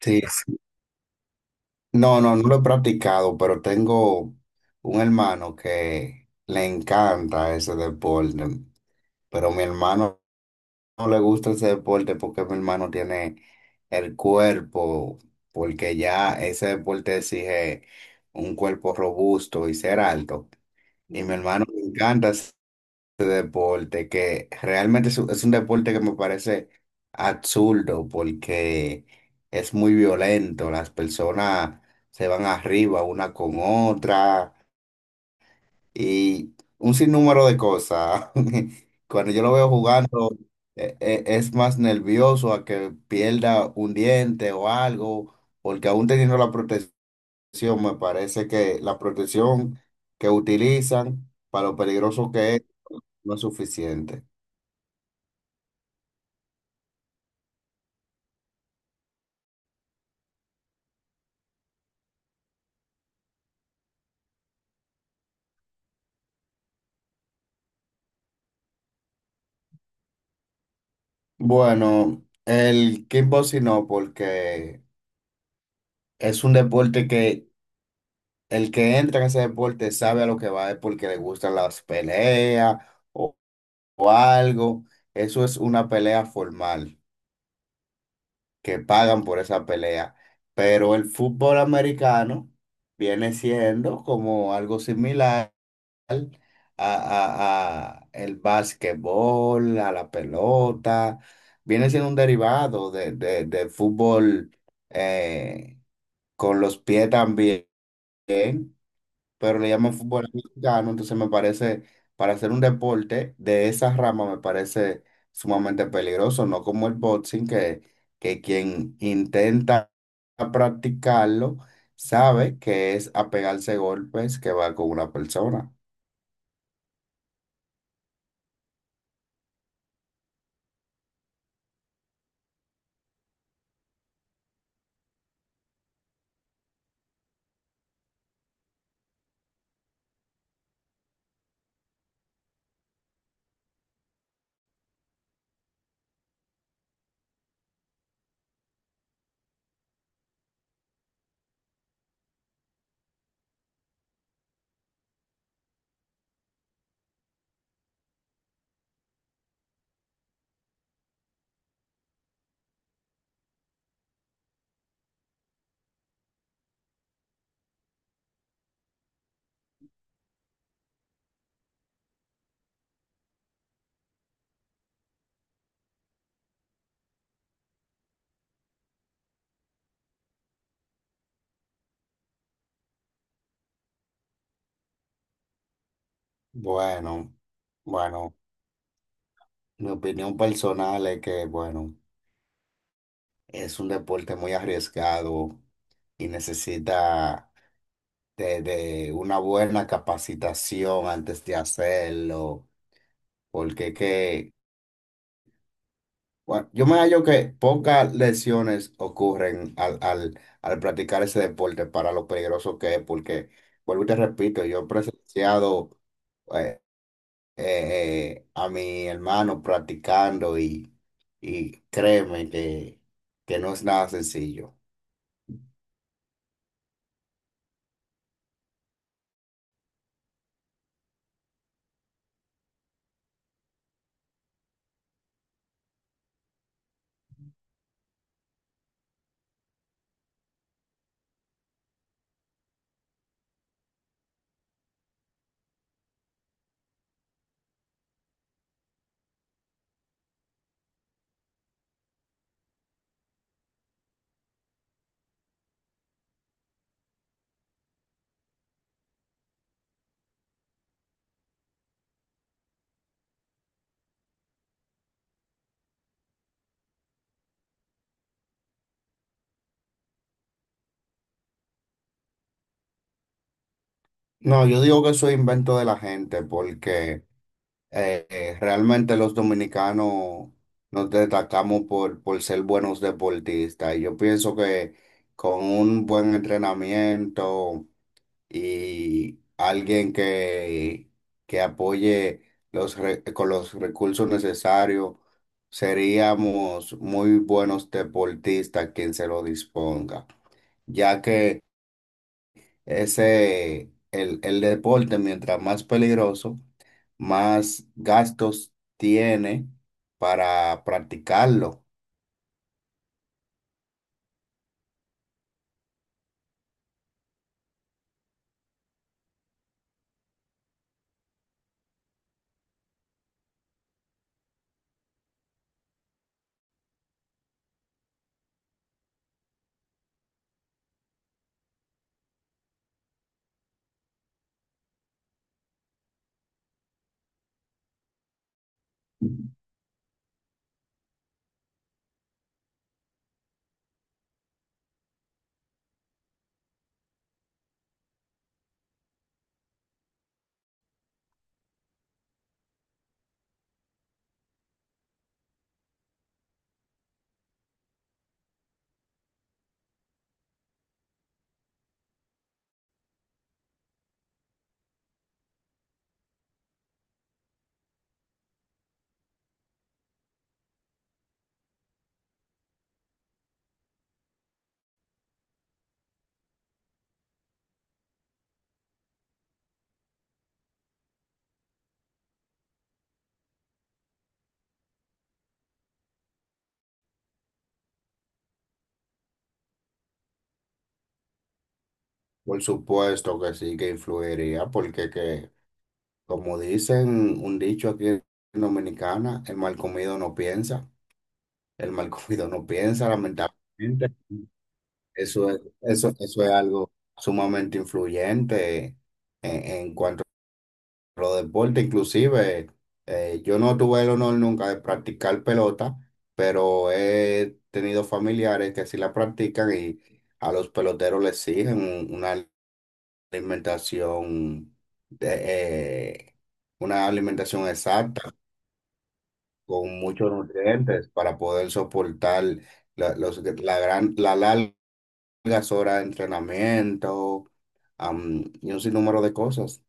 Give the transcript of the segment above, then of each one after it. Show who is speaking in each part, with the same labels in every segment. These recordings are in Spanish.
Speaker 1: Sí, sí. No, no, no lo he practicado, pero tengo un hermano que le encanta ese deporte. Pero mi hermano no le gusta ese deporte porque mi hermano tiene el cuerpo, porque ya ese deporte exige un cuerpo robusto y ser alto. Y mi hermano le encanta deporte que realmente es un deporte que me parece absurdo porque es muy violento. Las personas se van arriba una con otra y un sinnúmero de cosas. Cuando yo lo veo jugando, es más nervioso a que pierda un diente o algo, porque aún teniendo la protección, me parece que la protección que utilizan para lo peligroso que es, no es suficiente. Bueno, el kickboxing no, porque es un deporte que el que entra en ese deporte sabe a lo que va, es porque le gustan las peleas o, o algo. Eso es una pelea formal, que pagan por esa pelea. Pero el fútbol americano viene siendo como algo similar a, a el básquetbol, a la pelota. Viene siendo un derivado del fútbol eh, con los pies también, pero le llaman fútbol americano, entonces me parece, para hacer un deporte de esa rama me parece sumamente peligroso, no como el boxing, que quien intenta practicarlo sabe que es apegarse golpes que va con una persona. Bueno, bueno. Mi opinión personal es que, bueno, es un deporte muy arriesgado y necesita de una buena capacitación antes de hacerlo, porque que, bueno, yo me hallo que pocas lesiones ocurren al practicar ese deporte para lo peligroso que es, porque, vuelvo y te repito, yo he presenciado eh, a mi hermano practicando y créeme que no es nada sencillo. No, yo digo que eso es invento de la gente porque realmente los dominicanos nos destacamos por ser buenos deportistas y yo pienso que con un buen entrenamiento y alguien que apoye los con los recursos necesarios. Seríamos muy buenos deportistas quien se lo disponga, ya que ese, el deporte, mientras más peligroso, más gastos tiene para practicarlo. Por supuesto que sí que influiría, porque que como dicen un dicho aquí en Dominicana, el mal comido no piensa, el mal comido no piensa, lamentablemente. Eso es, eso es algo sumamente influyente en cuanto a los deportes. Inclusive, yo no tuve el honor nunca de practicar pelota, pero he tenido familiares que sí la practican y a los peloteros les exigen una alimentación de, una alimentación exacta con muchos nutrientes para poder soportar la, la gran, la largas horas de entrenamiento, y un sinnúmero de cosas.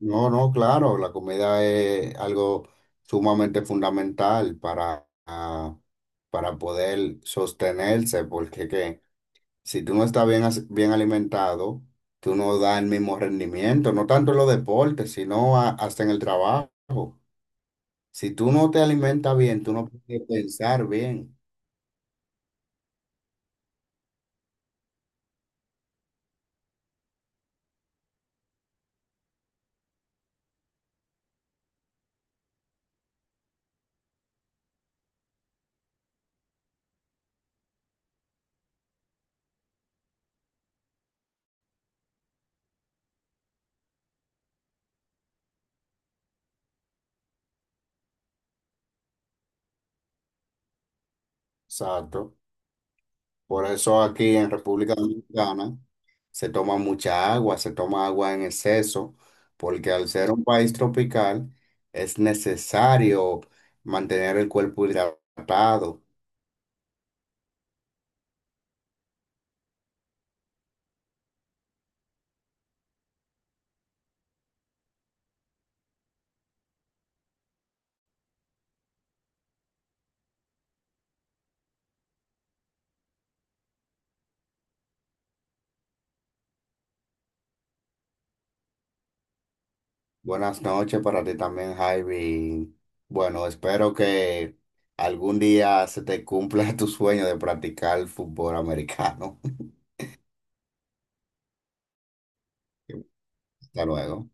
Speaker 1: No, no, claro, la comida es algo sumamente fundamental para, para poder sostenerse, porque que, si tú no estás bien, bien alimentado, tú no das el mismo rendimiento, no tanto en los deportes, sino hasta en el trabajo. Si tú no te alimentas bien, tú no puedes pensar bien. Exacto. Por eso aquí en República Dominicana se toma mucha agua, se toma agua en exceso, porque al ser un país tropical es necesario mantener el cuerpo hidratado. Buenas noches para ti también, Javi. Bueno, espero que algún día se te cumpla tu sueño de practicar fútbol americano. Hasta luego.